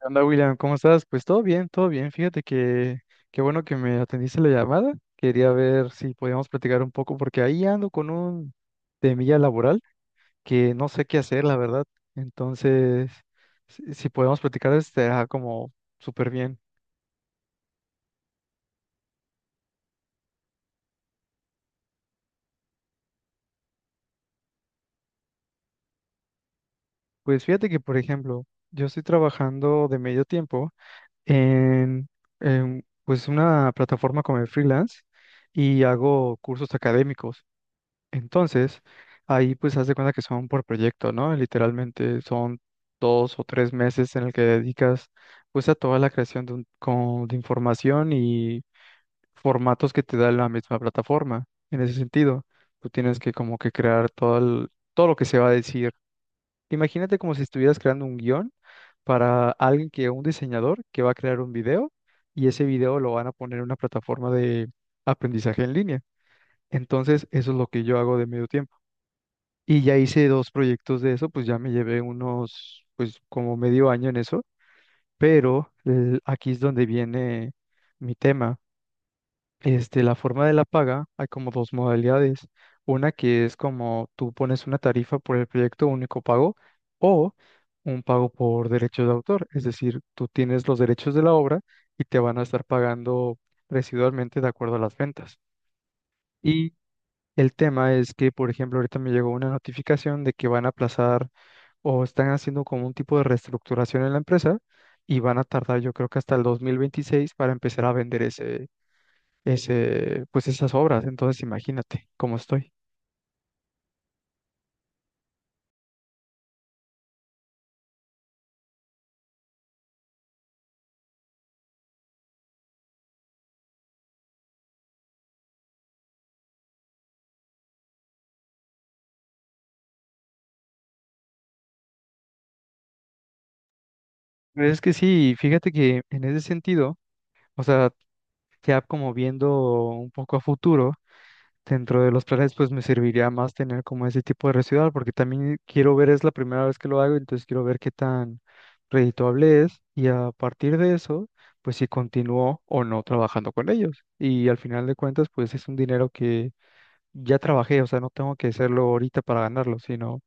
¿Qué onda, William? ¿Cómo estás? Pues todo bien, todo bien. Fíjate que qué bueno que me atendiste la llamada. Quería ver si podíamos platicar un poco porque ahí ando con un temilla laboral que no sé qué hacer, la verdad. Entonces, si podemos platicar, estará como súper bien. Pues fíjate que, por ejemplo, yo estoy trabajando de medio tiempo en, en pues una plataforma como el freelance y hago cursos académicos. Entonces, ahí pues haz de cuenta que son por proyecto, ¿no? Literalmente son 2 o 3 meses en el que dedicas pues a toda la creación de, de información y formatos que te da la misma plataforma. En ese sentido, tú tienes que como que crear todo, todo lo que se va a decir. Imagínate como si estuvieras creando un guión para alguien que, un diseñador que va a crear un video y ese video lo van a poner en una plataforma de aprendizaje en línea. Entonces, eso es lo que yo hago de medio tiempo. Y ya hice dos proyectos de eso, pues ya me llevé unos, pues como medio año en eso, pero aquí es donde viene mi tema. La forma de la paga, hay como dos modalidades. Una que es como tú pones una tarifa por el proyecto único pago o un pago por derechos de autor. Es decir, tú tienes los derechos de la obra y te van a estar pagando residualmente de acuerdo a las ventas. El tema es que, por ejemplo, ahorita me llegó una notificación de que van a aplazar o están haciendo como un tipo de reestructuración en la empresa y van a tardar, yo creo que hasta el 2026 para empezar a vender pues esas obras. Entonces, imagínate cómo estoy. Pero es que sí, fíjate que en ese sentido, o sea, ya como viendo un poco a futuro. Dentro de los planes, pues me serviría más tener como ese tipo de residual, porque también quiero ver, es la primera vez que lo hago, entonces quiero ver qué tan redituable es y a partir de eso, pues si continúo o no trabajando con ellos. Y al final de cuentas, pues es un dinero que ya trabajé, o sea, no tengo que hacerlo ahorita para ganarlo, sino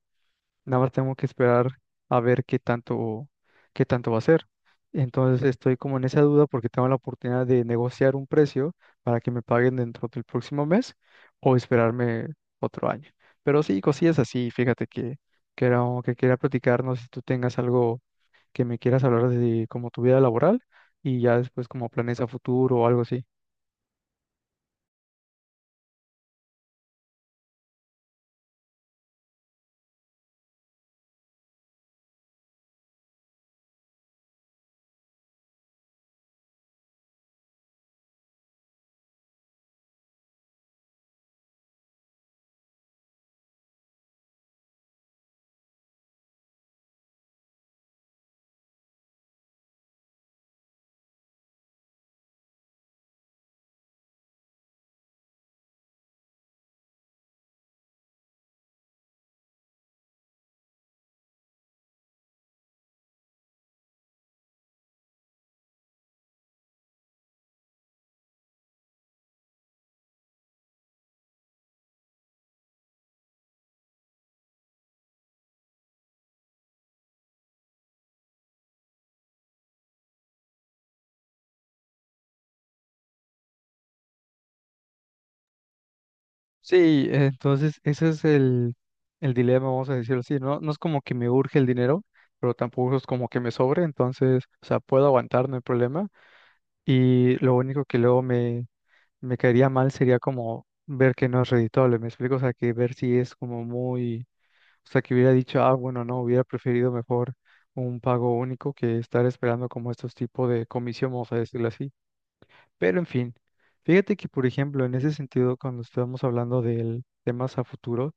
nada más tengo que esperar a ver qué tanto va a ser. Entonces estoy como en esa duda porque tengo la oportunidad de negociar un precio para que me paguen dentro del próximo mes o esperarme otro año. Pero sí, cosillas así, fíjate que era algo que quería platicar, no sé si tú tengas algo que me quieras hablar de como tu vida laboral y ya después como planes a futuro o algo así. Sí, entonces ese es el dilema, vamos a decirlo así, ¿no? No es como que me urge el dinero, pero tampoco es como que me sobre, entonces, o sea, puedo aguantar, no hay problema. Y lo único que luego me caería mal sería como ver que no es redituable, ¿me explico? O sea, que ver si es como muy, o sea, que hubiera dicho, ah, bueno, no, hubiera preferido mejor un pago único que estar esperando como estos tipos de comisión, vamos a decirlo así. Pero en fin, fíjate que, por ejemplo, en ese sentido, cuando estábamos hablando de temas a futuro,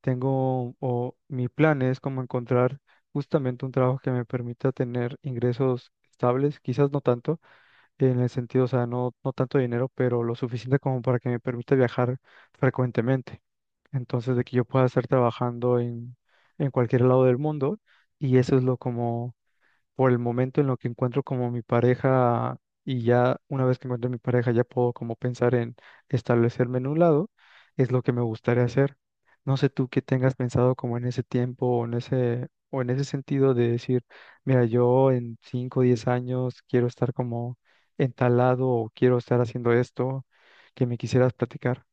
tengo o mi plan es como encontrar justamente un trabajo que me permita tener ingresos estables, quizás no tanto, en el sentido, o sea, no, no tanto dinero, pero lo suficiente como para que me permita viajar frecuentemente. Entonces, de que yo pueda estar trabajando en cualquier lado del mundo y eso es lo como por el momento en lo que encuentro como mi pareja y ya una vez que encuentro mi pareja ya puedo como pensar en establecerme en un lado, es lo que me gustaría hacer. No sé tú qué tengas pensado como en ese tiempo o en ese sentido de decir, mira, yo en cinco o 10 años quiero estar como entalado o quiero estar haciendo esto, que me quisieras platicar.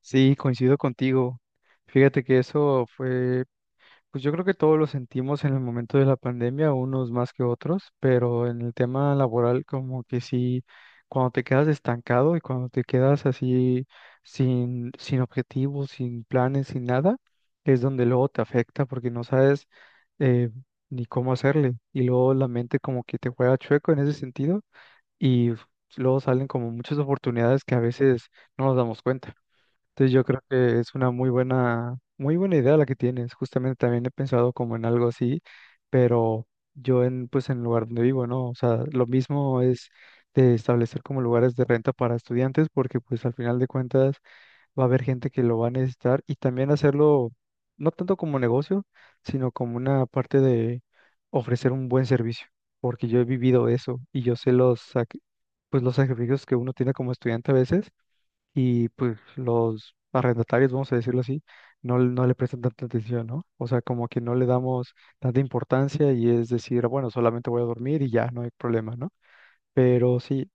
Sí, coincido contigo. Fíjate que eso fue pues yo creo que todos lo sentimos en el momento de la pandemia, unos más que otros, pero en el tema laboral como que sí, cuando te quedas estancado y cuando te quedas así sin objetivos, sin planes, sin nada, es donde luego te afecta porque no sabes eh, ni cómo hacerle y luego la mente como que te juega chueco en ese sentido y luego salen como muchas oportunidades que a veces no nos damos cuenta. Entonces yo creo que es una muy buena idea la que tienes. Justamente también he pensado como en algo así, pero yo en, pues en el lugar donde vivo, ¿no? O sea, lo mismo es de establecer como lugares de renta para estudiantes, porque pues al final de cuentas va a haber gente que lo va a necesitar y también hacerlo no tanto como negocio, sino como una parte de ofrecer un buen servicio, porque yo he vivido eso y yo sé pues los sacrificios que uno tiene como estudiante a veces y pues los arrendatarios, vamos a decirlo así, no, no le prestan tanta atención, ¿no? O sea, como que no le damos tanta importancia y es decir, bueno, solamente voy a dormir y ya, no hay problema, ¿no? Pero sí,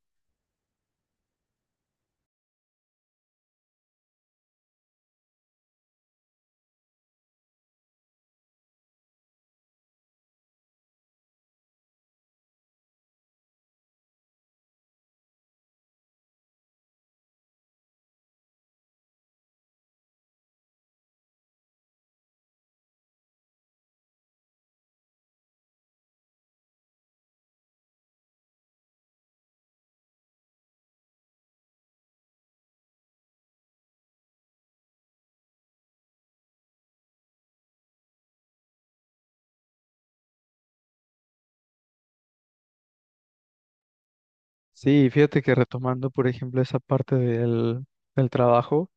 sí, fíjate que retomando, por ejemplo, esa parte del trabajo.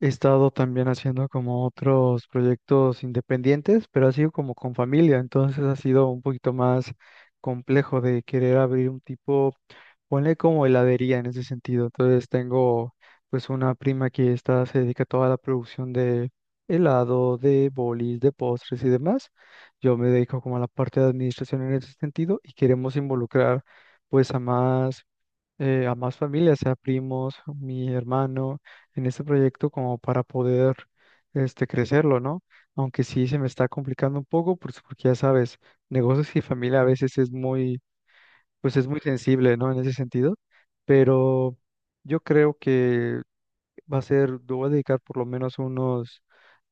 He estado también haciendo como otros proyectos independientes, pero ha sido como con familia, entonces ha sido un poquito más complejo de querer abrir un tipo, ponle como heladería en ese sentido. Entonces tengo pues una prima que está, se dedica a toda la producción de helado, de bolis, de postres y demás. Yo me dedico como a la parte de administración en ese sentido y queremos involucrar pues a más familias, sea primos, mi hermano, en este proyecto como para poder crecerlo, ¿no? Aunque sí se me está complicando un poco, pues, porque ya sabes, negocios y familia a veces es muy, pues es muy sensible, ¿no? En ese sentido, pero yo creo que va a ser, yo voy a dedicar por lo menos unos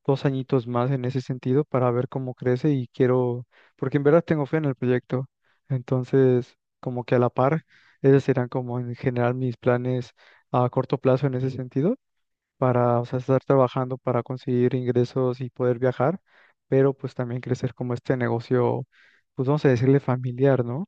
2 añitos más en ese sentido para ver cómo crece y quiero, porque en verdad tengo fe en el proyecto. Entonces, como que a la par, esos serán como en general mis planes a corto plazo en ese sentido, para, o sea, estar trabajando para conseguir ingresos y poder viajar, pero pues también crecer como este negocio, pues vamos a decirle familiar, ¿no?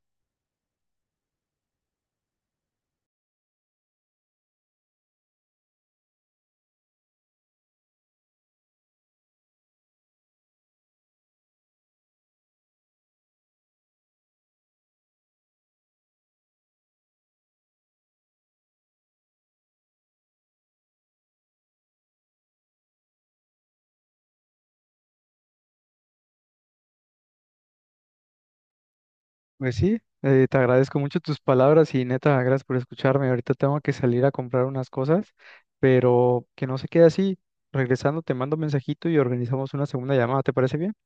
Pues sí, te agradezco mucho tus palabras y neta, gracias por escucharme. Ahorita tengo que salir a comprar unas cosas, pero que no se quede así. Regresando, te mando mensajito y organizamos una segunda llamada. ¿Te parece bien?